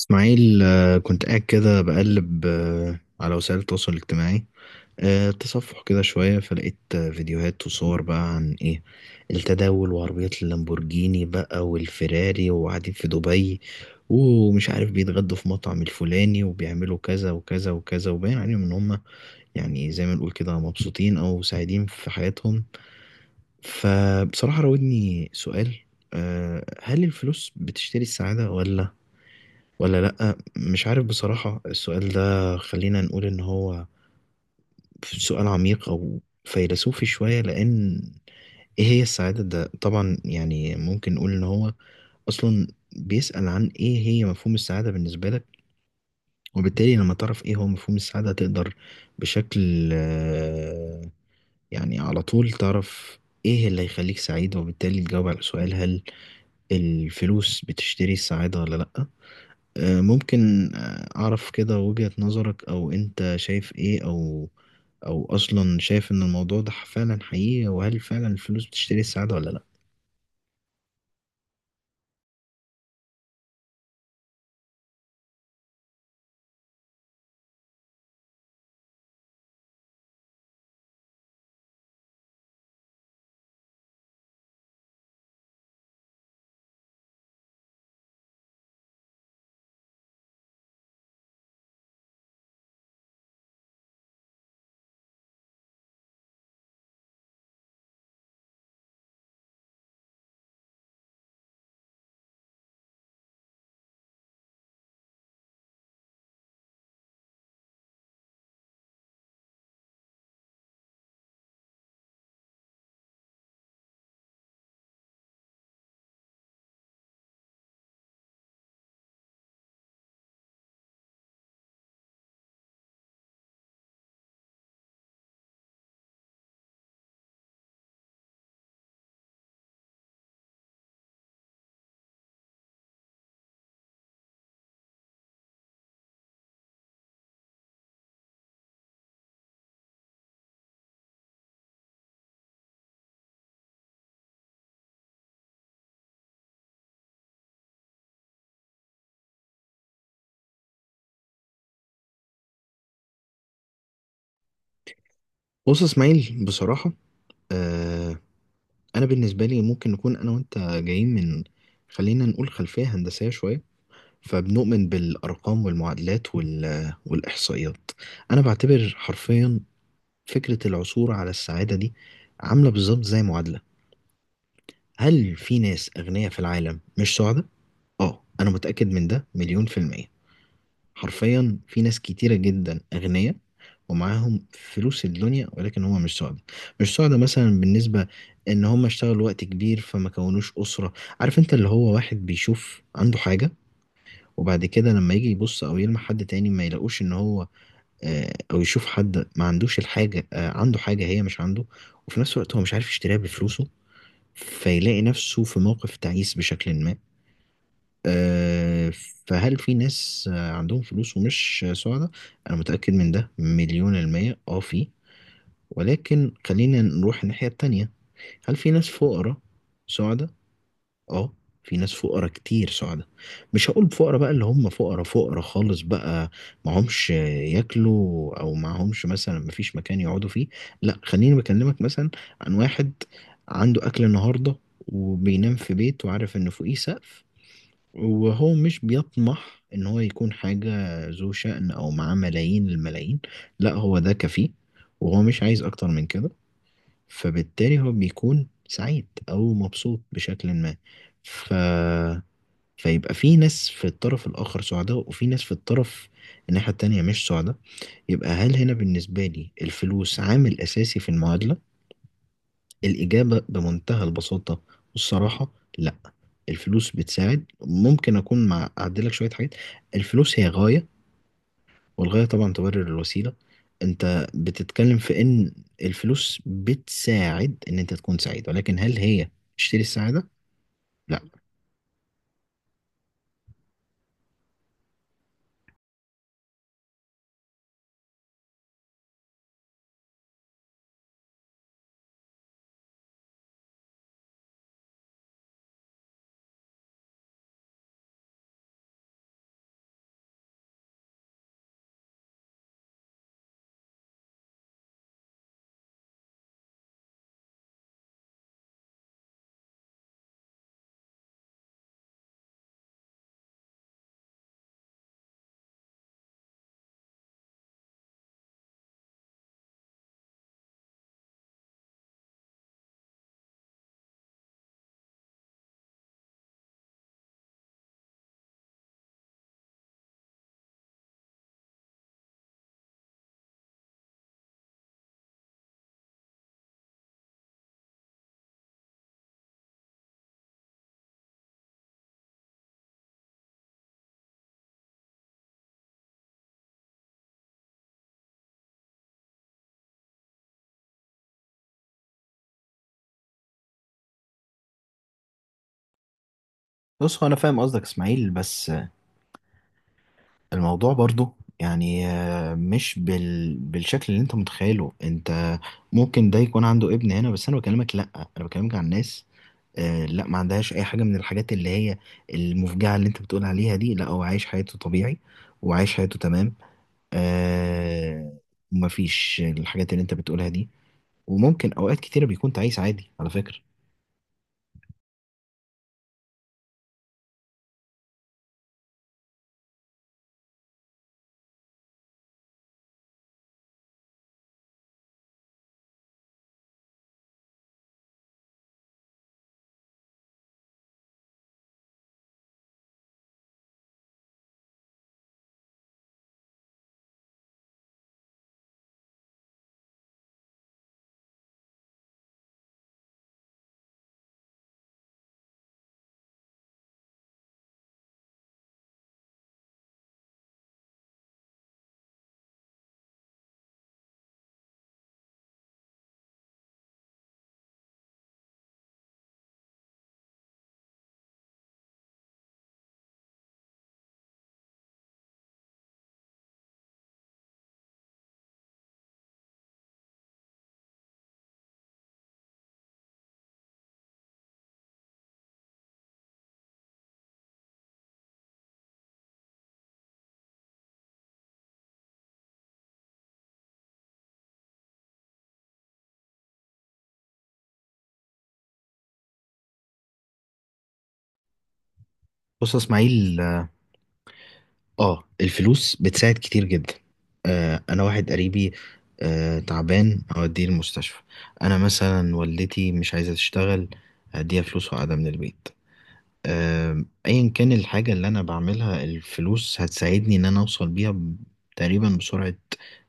اسماعيل، كنت قاعد كده بقلب، على وسائل التواصل الاجتماعي. تصفح كده شوية فلقيت، فيديوهات وصور بقى عن ايه؟ التداول وعربيات اللامبورجيني بقى والفيراري، وقاعدين في دبي ومش عارف بيتغدوا في مطعم الفلاني وبيعملوا كذا وكذا وكذا، وباين عليهم ان هم يعني زي ما نقول كده مبسوطين او سعيدين في حياتهم. فبصراحة راودني سؤال: هل الفلوس بتشتري السعادة ولا ولا لأ؟ مش عارف بصراحة، السؤال ده خلينا نقول إن هو سؤال عميق أو فيلسوفي شوية، لأن إيه هي السعادة؟ ده طبعا يعني ممكن نقول إن هو أصلا بيسأل عن إيه هي مفهوم السعادة بالنسبة لك، وبالتالي لما تعرف إيه هو مفهوم السعادة تقدر بشكل، يعني على طول تعرف إيه اللي هيخليك سعيد، وبالتالي تجاوب على السؤال: هل الفلوس بتشتري السعادة ولا لأ؟ ممكن، أعرف كده وجهة نظرك، أو أنت شايف إيه، أو أو أصلا شايف إن الموضوع ده فعلا حقيقي، وهل فعلا الفلوس بتشتري السعادة ولا لأ؟ بص يا إسماعيل، بصراحة، آه، أنا بالنسبة لي، ممكن نكون أنا وأنت جايين من، خلينا نقول، خلفية هندسية شوية، فبنؤمن بالأرقام والمعادلات والإحصائيات. أنا بعتبر حرفيا فكرة العثور على السعادة دي عاملة بالظبط زي معادلة. هل في ناس أغنياء في العالم مش سعداء؟ اه، انا متأكد من ده مليون في المية. حرفيا في ناس كتيرة جدا اغنياء ومعاهم فلوس الدنيا، ولكن هم مش سعداء. مش سعداء مثلا بالنسبة ان هم اشتغلوا وقت كبير فما كونوش اسرة. عارف، انت اللي هو واحد بيشوف عنده حاجة، وبعد كده لما يجي يبص او يلمح حد تاني ما يلاقوش ان هو، او يشوف حد ما عندوش الحاجة، عنده حاجة هي مش عنده، وفي نفس الوقت هو مش عارف يشتريها بفلوسه، فيلاقي نفسه في موقف تعيس بشكل ما. آه، فهل في ناس عندهم فلوس ومش سعداء؟ أنا متأكد من ده مليون المية اه في. ولكن خلينا نروح الناحية التانية. هل في ناس فقراء سعداء؟ اه، في ناس فقراء كتير سعداء. مش هقول فقراء بقى اللي هم فقراء فقراء خالص بقى، معهمش ياكلوا أو معهمش مثلا مفيش مكان يقعدوا فيه. لا، خليني بكلمك مثلا عن واحد عنده أكل النهاردة وبينام في بيت وعارف إن فوقيه سقف، وهو مش بيطمح ان هو يكون حاجة ذو شأن او معاه ملايين الملايين. لا، هو ده كفيه وهو مش عايز اكتر من كده، فبالتالي هو بيكون سعيد او مبسوط بشكل ما. ف فيبقى في ناس في الطرف الاخر سعداء، وفي ناس في الطرف، الناحية التانية، مش سعداء. يبقى هل هنا بالنسبة لي الفلوس عامل اساسي في المعادلة؟ الإجابة بمنتهى البساطة والصراحة: لا. الفلوس بتساعد، ممكن أكون مع، أعدلك شوية حاجات، الفلوس هي غاية، والغاية طبعا تبرر الوسيلة. أنت بتتكلم في إن الفلوس بتساعد إن أنت تكون سعيد، ولكن هل هي تشتري السعادة؟ لا. بص، هو انا فاهم قصدك اسماعيل، بس الموضوع برضو يعني، مش بال بالشكل اللي انت متخيله انت. ممكن ده يكون عنده ابن، هنا بس انا بكلمك لا، انا بكلمك عن ناس آه لا، ما عندهاش اي حاجه من الحاجات اللي هي المفجعه اللي انت بتقول عليها دي. لا، هو عايش حياته طبيعي وعايش حياته تمام. آه، ما فيش الحاجات اللي انت بتقولها دي، وممكن اوقات كتيره بيكون تعيس عادي على فكره. بص يا اسماعيل، اه الفلوس بتساعد كتير جدا. آه، انا واحد قريبي آه تعبان، اوديه المستشفى. انا مثلا والدتي مش عايزه تشتغل، هديها فلوس وقاعده من البيت. ايا كان الحاجة اللي انا بعملها، الفلوس هتساعدني ان انا اوصل بيها ب تقريبا بسرعة.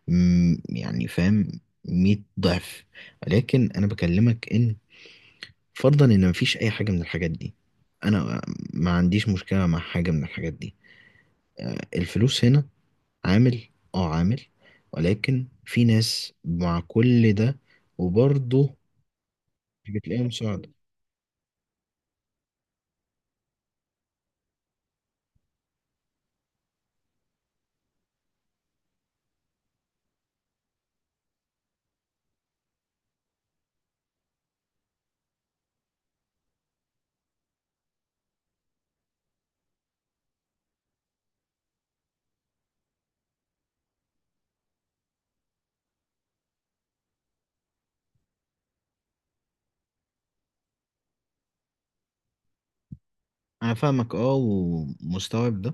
يعني فاهم، مية ضعف. لكن انا بكلمك ان فرضا ان مفيش اي حاجة من الحاجات دي، انا ما عنديش مشكلة مع حاجة من الحاجات دي. الفلوس هنا عامل، اه عامل. ولكن في ناس مع كل ده وبرضه مش بتلاقيهم سعد. انا فاهمك اه، ومستوعب ده،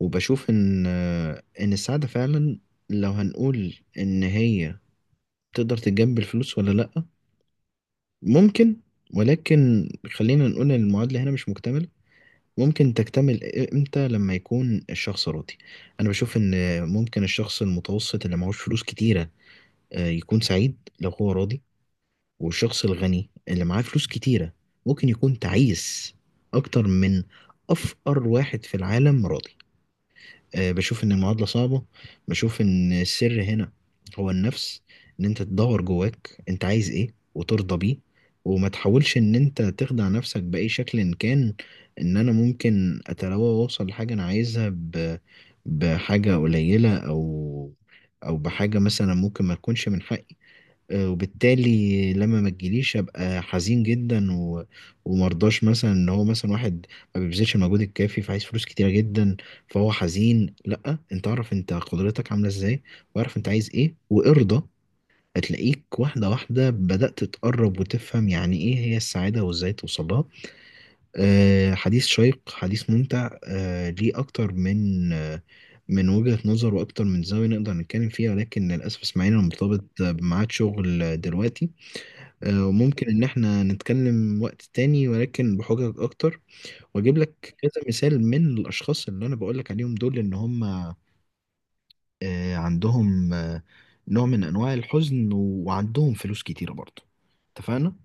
وبشوف ان، ان السعادة فعلا، لو هنقول ان هي تقدر تتجنب الفلوس ولا لأ؟ ممكن. ولكن خلينا نقول ان المعادلة هنا مش مكتملة. ممكن تكتمل امتى؟ لما يكون الشخص راضي. انا بشوف ان ممكن الشخص المتوسط اللي معهوش فلوس كتيرة يكون سعيد لو هو راضي، والشخص الغني اللي معاه فلوس كتيرة ممكن يكون تعيس اكتر من افقر واحد في العالم راضي. بشوف ان المعادلة صعبة. بشوف ان السر هنا هو النفس، ان انت تدور جواك انت عايز ايه وترضى بيه، وما تحاولش ان انت تخدع نفسك بأي شكل إن كان، ان انا ممكن اتلوى واوصل لحاجة انا عايزها ب بحاجة قليلة، او او بحاجة مثلا ممكن ما تكونش من حقي. وبالتالي لما ما تجيليش ابقى حزين جدا و ومرضاش مثلا ان هو، مثلا واحد ما بيبذلش المجهود الكافي فعايز فلوس كتيره جدا فهو حزين. لا، انت اعرف انت قدرتك عامله ازاي، واعرف انت عايز ايه، وارضى، هتلاقيك واحدة واحدة بدأت تقرب وتفهم يعني إيه هي السعادة وإزاي توصلها. آه، حديث شيق، حديث ممتع، ليه أكتر من من وجهة نظر وأكتر من زاوية نقدر نتكلم فيها، ولكن للأسف اسماعيل أنا مرتبط بميعاد شغل دلوقتي. وممكن إن إحنا نتكلم وقت تاني، ولكن بحجج أكتر، وأجيب لك كذا مثال من الأشخاص اللي أنا بقول لك عليهم دول إن هم عندهم نوع من أنواع الحزن وعندهم فلوس كتيرة برضه. اتفقنا؟